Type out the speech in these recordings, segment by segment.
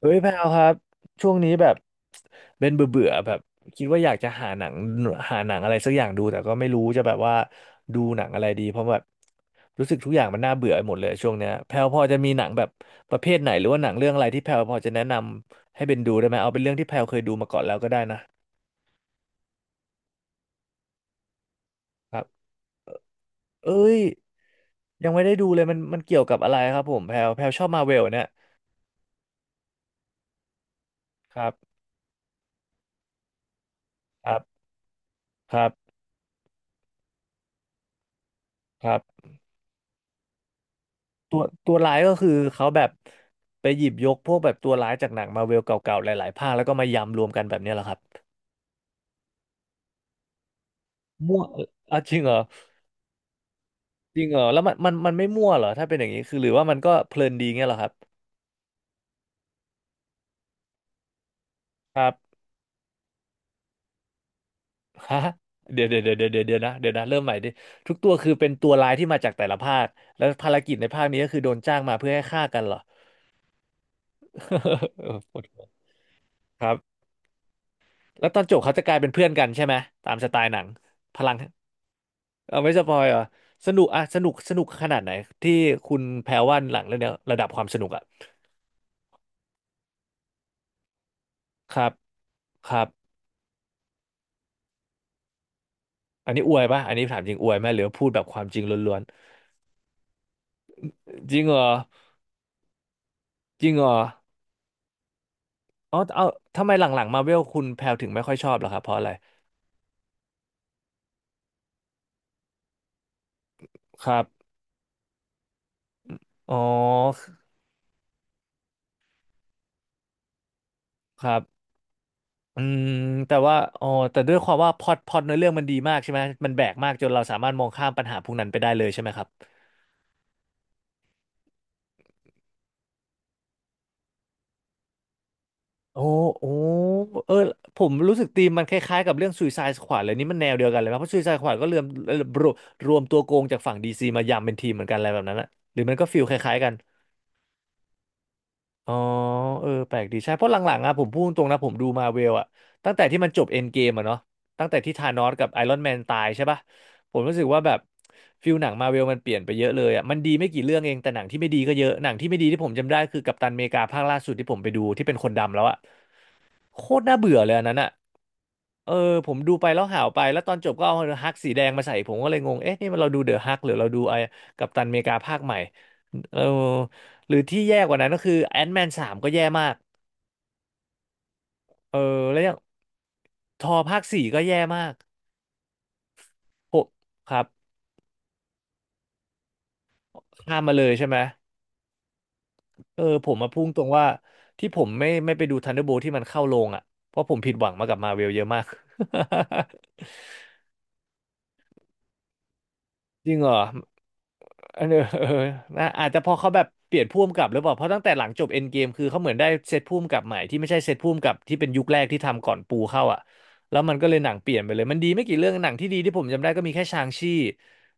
เฮ้ยแพลครับช่วงนี้แบบเป็นเบื่อเบื่อแบบคิดว่าอยากจะหาหนังอะไรสักอย่างดูแต่ก็ไม่รู้จะแบบว่าดูหนังอะไรดีเพราะแบบรู้สึกทุกอย่างมันน่าเบื่อไปหมดเลยช่วงเนี้ยแพลพอจะมีหนังแบบประเภทไหนหรือว่าหนังเรื่องอะไรที่แพลพอจะแนะนำให้เป็นดูได้ไหมเอาเป็นเรื่องที่แพลเคยดูมาก่อนแล้วก็ได้นะครับเอ้ยยังไม่ได้ดูเลยมันเกี่ยวกับอะไรครับผมแพลชอบมาเวลเนี่ยครับครับครับครับ ตัวร้ายก็คือเขาแบบไปหยิบยกพวกแบบตัวร้ายจากหนังมาเวลเก่าๆหลายๆภาคแล้วก็มายำรวมกันแบบเนี้ยเหรอครับมั่วเอออ่ะจริงเหรอจริงเหรอแล้วมันไม่มั่วเหรอถ้าเป็นอย่างนี้คือหรือว่ามันก็เพลินดีเงี้ยเหรอครับครับ ฮะเดี๋ยวเดี๋ยวเดี๋ยวเดี๋ยวเดี๋ยวเดี๋ยวนะเดี๋ยวนะเริ่มใหม่ดิทุกตัวคือเป็นตัวร้ายที่มาจากแต่ละภาคแล้วภารกิจในภาคนี้ก็คือโดนจ้างมาเพื่อให้ฆ่ากันเหรอ เออปวดหัวครับแล้วตอนจบเขาจะกลายเป็นเพื่อนกันใช่ไหมตามสไตล์หนังพลัง เอาไม่สปอยเหรอสนุกอะสนุกสนุกขนาดไหนที่คุณแพรว่าหลังเรื่องเนี้ยระดับความสนุกอะครับครับอันนี้อวยป่ะอันนี้ถามจริงอวยไหมหรือว่าพูดแบบความจริงล้วนๆจริงเหรอจริงเหรออ๋อาเอาทำไมหลังๆมาเวลคุณแพรถึงไม่ค่อยชอบเหรอครับเพราะอะไรครับอ๋อครับอืมแต่ว่าอ๋อแต่ด้วยความว่าพล็อตในเรื่องมันดีมากใช่ไหมมันแบกมากจนเราสามารถมองข้ามปัญหาพวกนั้นไปได้เลยใช่ไหมครับ โอ้โอ้เออผมรู้สึกธีมมันคล้ายๆกับเรื่อง Suicide Squad เลยนี่มันแนวเดียวกันเลยไหมเพราะ Suicide Squad ก็เริ่มรวมรวมตัวโกงจากฝั่งดีซีมายำเป็นทีมเหมือนกันอะไรแบบนั้นอะหรือมันก็ฟีลคล้ายๆกันอ๋อเออแปลกดีใช่เพราะหลังๆอะผมพูดตรงนะผมดูมาเวลอะตั้งแต่ที่มันจบเอ็นเกมอะเนาะตั้งแต่ที่ธานอสกับไอรอนแมนตายใช่ปะผมรู้สึกว่าแบบฟิลหนังมาเวลมันเปลี่ยนไปเยอะเลยอะมันดีไม่กี่เรื่องเองแต่หนังที่ไม่ดีก็เยอะหนังที่ไม่ดีที่ผมจำได้คือกัปตันอเมริกาภาคล่าสุดที่ผมไปดูที่เป็นคนดำแล้วอะ โคตรน่าเบื่อเลยอันนั้นอ่ะเออผมดูไปแล้วหาวไปแล้วตอนจบก็เอาฮักสีแดงมาใส่ผมก็เลยงง เอ๊ะนี่มันเราดูเดอะฮักหรือเราดูไอ้กัปตันอเมริกาภาคใหม่เออหรือที่แย่กว่านั้นก็คือแอนแมนสามก็แย่มากเออแล้วอยางทอภาคสี่ก็แย่มากโหครับข้ามมาเลยใช่ไหมเออผมมาพุ่งตรงว่าที่ผมไม่ไปดูทันเดอร์โบที่มันเข้าโรงอ่ะ เพราะผมผิดหวังมากับมาเวลเยอะมาก จริงเหรอ เออ เออนะอาจจะพอเขาแบบเปลี่ยนผู้กำกับหรือเปล่าเพราะตั้งแต่หลังจบเอ็นเกมคือเขาเหมือนได้เซตผู้กำกับใหม่ที่ไม่ใช่เซตผู้กำกับที่เป็นยุคแรกที่ทำก่อนปูเข้าอ่ะแล้วมันก็เลยหนังเปลี่ยนไปเลย มันดีไม่กี่เรื่องหนังที่ดีที่ผมจำได้ก็มีแค่ชางชี่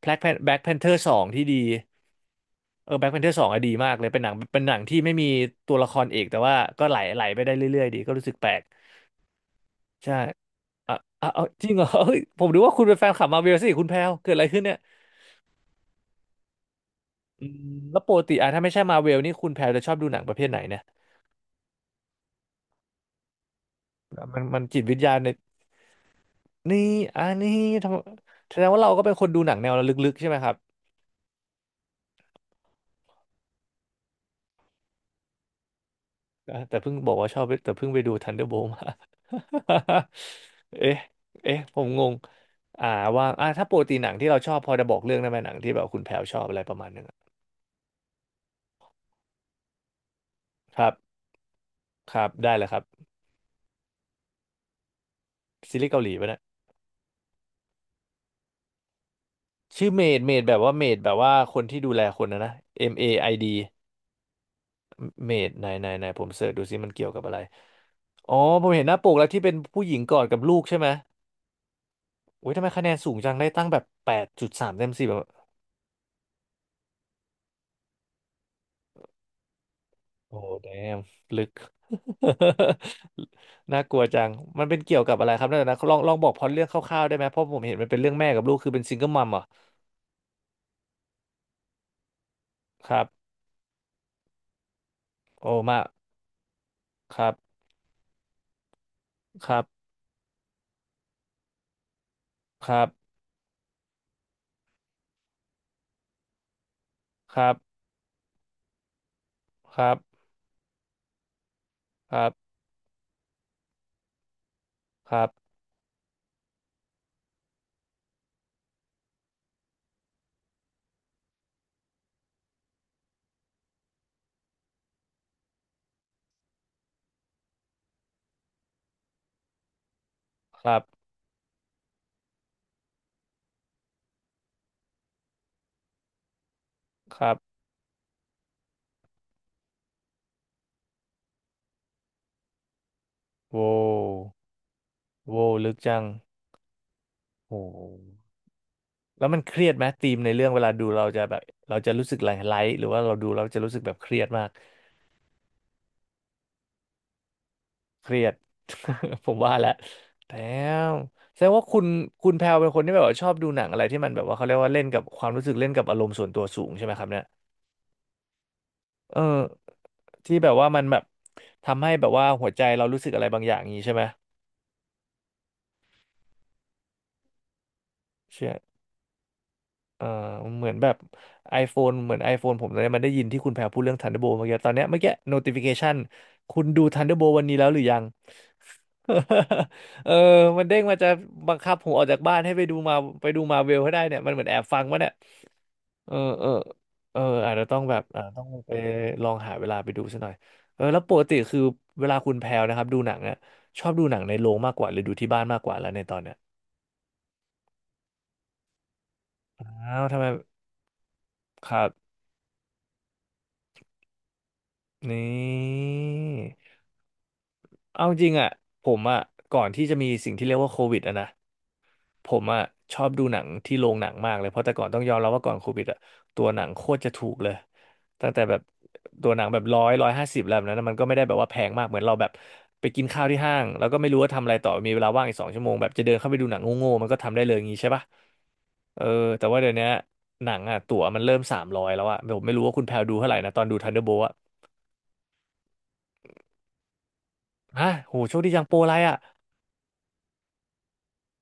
แบล็กแพนเธอร์สองที่ดีเออแบล็กแพนเธอร์สองอะดีมากเลยเป็นหนังที่ไม่มีตัวละครเอกแต่ว่าก็ไหลไหลไปได้เรื่อยๆดีก็รู้สึกแปลกใช่อ่ะอ่ะเอาจริงเหรอเฮ้ยผมดูว่าคุณเป็นแฟนคลับมาเวลสิคุณแพลวเกิดอะไรขึ้นเนี่ย อืมแล้วปกติอ่ะถ้าไม่ใช่มาเวลนี่คุณแพรจะชอบดูหนังประเภทไหนเนี่ยมันจิตวิทยาในนี่อันนี้ทำแสดงว่าเราก็เป็นคนดูหนังแนวลึกๆใช่ไหมครับอ่ะแต่เพิ่งบอกว่าชอบแต่เพิ่งไปดู Thunderbolt มา เอ๊ะเอ๊ะผมงงอ่าว่าอ่ะถ้าปกติหนังที่เราชอบพอจะบอกเรื่องได้ไหมหนังที่แบบคุณแพรชอบอะไรประมาณนึงอะครับครับได้เลยครับซีรีส์เกาหลีไปนะชื่อเมดเมดแบบว่าเมดแบบว่าคนที่ดูแลคนนะนะ MAID เอไอดีเมดไหนไหนไหนผมเสิร์ชดูซิมันเกี่ยวกับอะไร อ๋อผมเห็นหน้าปกแล้วที่เป็นผู้หญิงกอดกับลูกใช่ไหมโอ้ยทำไมคะแนนสูงจังได้ตั้งแบบ8.3เต็มสิบแบบโอ้แดมลึก น่ากลัวจังมันเป็นเกี่ยวกับอะไรครับนั่นนะลองลองบอกพล็อตเรื่องคร่าวๆได้ไหมเพราะผมเห็นมันเป็นเรื่องแม่กับลูกคือเป็นซิงเกิลมัมเหรอครับโอ้มาครับครับครับครับครับครับครับครับครับโว้วโว้ลึกจังโอ้ แล้วมันเครียดไหมธีมในเรื่องเวลาดูเราจะแบบเราจะรู้สึกไลท์หรือว่าเราดูเราจะรู้สึกแบบเครียดมากเครียด ผมว่าและแต่แสดงว่าคุณแพลเป็นคนที่แบบว่าชอบดูหนังอะไรที่มันแบบว่าเขาเรียกว่าเล่นกับความรู้สึกเล่นกับอารมณ์ส่วนตัวสูงใช่ไหมครับเนี่ยเออที่แบบว่ามันแบบทำให้แบบว่าหัวใจเรารู้สึกอะไรบางอย่างอย่างนี้ใช่ไหมใช่ เออเหมือนแบบ iPhone เหมือน iPhone ผมตอนนี้มันได้ยินที่คุณแพรพูดเรื่อง Thunderbolt เมื่อกี้ตอนเนี้ยเมื่อกี้ notification คุณดู Thunderbolt วันนี้แล้วหรือยัง เออมันเด้งมาจะบังคับผมออกจากบ้านให้ไปดูมาไปดูมาเวลให้ได้เนี่ยมันเหมือนแอบฟังวะเนี่ยเออเออเอออาจจะต้องแบบต้องไปลองหาเวลาไปดูซะหน่อยเออแล้วปกติคือเวลาคุณแพรวนะครับดูหนังอะชอบดูหนังในโรงมากกว่าหรือดูที่บ้านมากกว่าแล้วในตอนเนี้ยอ้าวทำไมครับนี่ เอาจริงอ่ะผมอ่ะก่อนที่จะมีสิ่งที่เรียกว่าโควิดอ่ะนะผมอ่ะชอบดูหนังที่โรงหนังมากเลยเพราะแต่ก่อนต้องยอมรับว่าก่อนโควิดอ่ะตัวหนังโคตรจะถูกเลยตั้งแต่แบบตัวหนังแบบ100 150แล้วแบบนั้นนะมันก็ไม่ได้แบบว่าแพงมากเหมือนเราแบบไปกินข้าวที่ห้างแล้วก็ไม่รู้ว่าทำอะไรต่อมีเวลาว่างอีก2 ชั่วโมงแบบจะเดินเข้าไปดูหนังโง่ๆมันก็ทำได้เลยอย่างงี้ใช่ปะเออแต่ว่าเดี๋ยวนี้หนังอ่ะตั๋วมันเริ่มสามร้อยแล้วอ่ะผมไม่รู้ว่าคุณแพลดูเท่าไหร่นะตอนดูทันเดอร์โบอ่ะฮะโหโชคดีจังโปรอะไรอ่ะ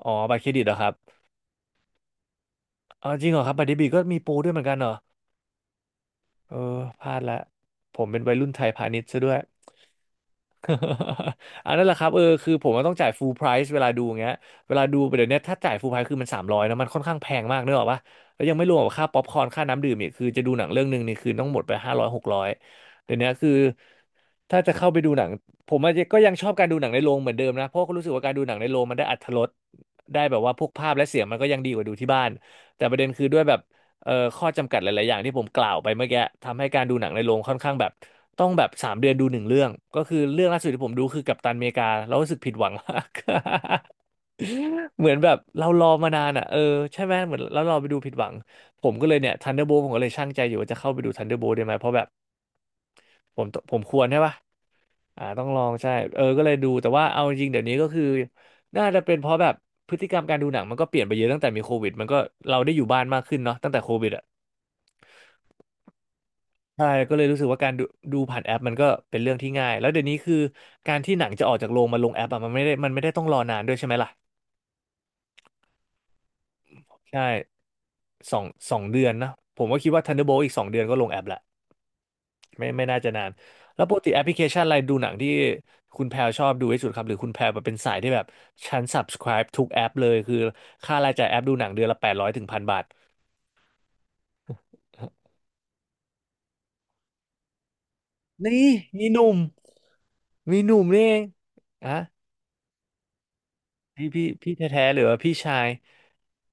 อ๋อบัตรเครดิตเหรอครับ ออจริงเหรอครับบัดดี้บีก็มีปูด้วยเหมือนกันเหรอเออพลาดละผมเป็นวัยรุ่นไทยพาณิชย์ซะด้วย อันนั้นแหละครับเออคือผมว่าต้องจ่ายฟูลไพร c ์เวลาดูอย่างเงี้ยเวลาดูไปเดี๋ยวนี้ถ้าจ่ายฟูลไพร c ์คือมันสามร้อยนะมันค่อนข้างแพงมากเนกอะปะแล้วยังไม่รวมกับค่าป๊อปคอร์นค่าน้ำดื่มอีกคือจะดูหนังเรื่องหนึ่งนี่คือต้องหมดไป500 600เดี๋ยวนี้คือถ้าจะเข้าไปดูหนังผมอาจจะก็ยังชอบการดูหนังในโรงเหมือนเดิมนะเพราะก็รู้สึกว่าการดูหนังในโรงมันได้อรรถรสได้แบบว่าพวกภาพและเสียงมันก็ยังดีกว่าดูที่บ้านแต่ประเด็นคือด้วยแบบ เอ่อข้อจำกัดหลายๆอย่างที่ผมกล่าวไปเมื่อกี้ทำให้การดูหนังในโรงค่อนข้างแบบต้องแบบ3 เดือนดูหนึ่งเรื่องก็คือเรื่องล่าสุดที่ผมดูคือกัปตันอเมริกาแล้วรู้สึกผิดหวังมาก เหมือนแบบเรารอมานานอ่ะเออใช่ไหมเหมือนแล้วเราไปดูผิดหวังผมก็เลยเนี่ยทันเดอร์โบผมก็เลยชั่งใจอยู่ว่าจะเข้าไปดูทันเดอร์โบได้ไหมเพราะแบบผมควรใช่ปะต้องลองใช่เออก็เลยดูแต่ว่าเอาจริงเดี๋ยวนี้ก็คือน่าจะเป็นเพราะแบบพฤติกรรมการดูหนังมันก็เปลี่ยนไปเยอะตั้งแต่มีโควิดมันก็เราได้อยู่บ้านมากขึ้นเนาะตั้งแต่โควิดอ่ะ ใช่ก็เลยรู้สึกว่าการดูผ่านแอปมันก็เป็นเรื่องที่ง่ายแล้วเดี๋ยวนี้คือการที่หนังจะออกจากโรงมาลงแอปอะมันไม่ได้มันไม่ได้ต้องรอนานด้วยใช่ไหมล่ะใช่สองสองเดือนนะผมก็คิดว่า Thunderbolt อีก2 เดือนก็ลงแอปละไม่น่าจะนานแล้วปกติแอปพลิเคชันอะไรดูหนังที่คุณแพลชอบดูที่สุดครับหรือคุณแพลแบบเป็นสายที่แบบฉัน subscribe ทุกแอปเลยคือค่ารายจ่ายแอปดูหนังเดือนละ800-1,000 บาทนี่มีหนุ่มมีหนุ่มนี่เองอะ พี่แท้ๆหรือว่าพี่ชาย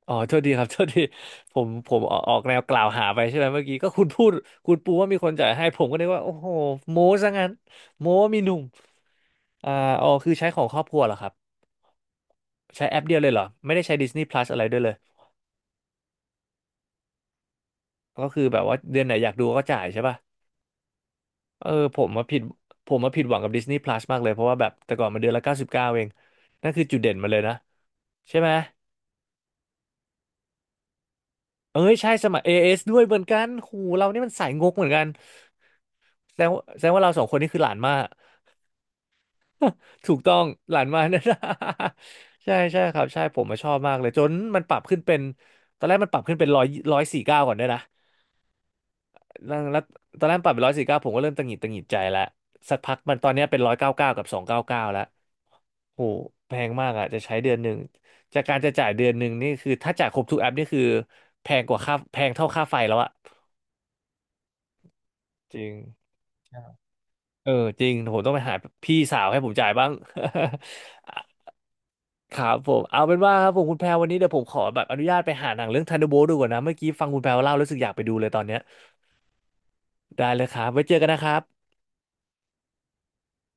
อ๋อโทษดีครับ โทษดีผมออกแนวกล่าวหาไปใช่ไหมเมื่อกี้ก็คุณพูดคุณปูว่ามีคนจ่ายให้ผมก็นึกว่าโอ้โหโม้ซะงั้นโม้ว่ามีหนุ่มอ่าอ๋อคือใช้ของครอบครัวเหรอครับใช้แอปเดียวเลยเหรอไม่ได้ใช้ Disney Plus อะไรด้วยเลยก็คือแบบว่าเดือนไหนอยากดูก็จ่ายใช่ป่ะเออผมมาผิดหวังกับ Disney Plus มากเลยเพราะว่าแบบแต่ก่อนมันเดือนละ99เองนั่นคือจุดเด่นมันเลยนะใช่ไหมเอ้ยใช่สมัยASด้วยเหมือนกันหูเรานี่มันสายงกเหมือนกัน แสดงว่าเราสองคนนี่คือหลานมากถูกต้องหลานมากนะ ใช่ใช่ครับใช่ผมมาชอบมากเลยจนมันปรับขึ้นเป็นตอนแรกมันปรับขึ้นเป็นร้อยสี่เก้าก่อนด้วยนะแล้วตอนแรกปรับเป็นร้อยสี่เก้าผมก็เริ่มตังหงิดใจแล้วสักพักมันตอนเนี้ยเป็น199กับ299แล้วโหแพงมากอ่ะจะใช้เดือนหนึ่งจากการจะจ่ายเดือนหนึ่งนี่คือถ้าจ่ายครบทุกแอปนี่คือแพงกว่าค่าแพงเท่าค่าไฟแล้วอะจริงเออจริงผมต้องไปหาพี่สาวให้ผมจ่ายบ้าง ครับผมเอาเป็นว่าครับผมคุณแพรวันนี้เดี๋ยวผมขอแบบอนุญาตไปหาหนังเรื่องทันเดอร์โบ t ดูก่อนนะเมื่อกี้ฟังคุณแพรเล่ารู้สึกอยากไปดูเลยตอนเนี้ยได้เลยครับไว้เจอกันนะครับ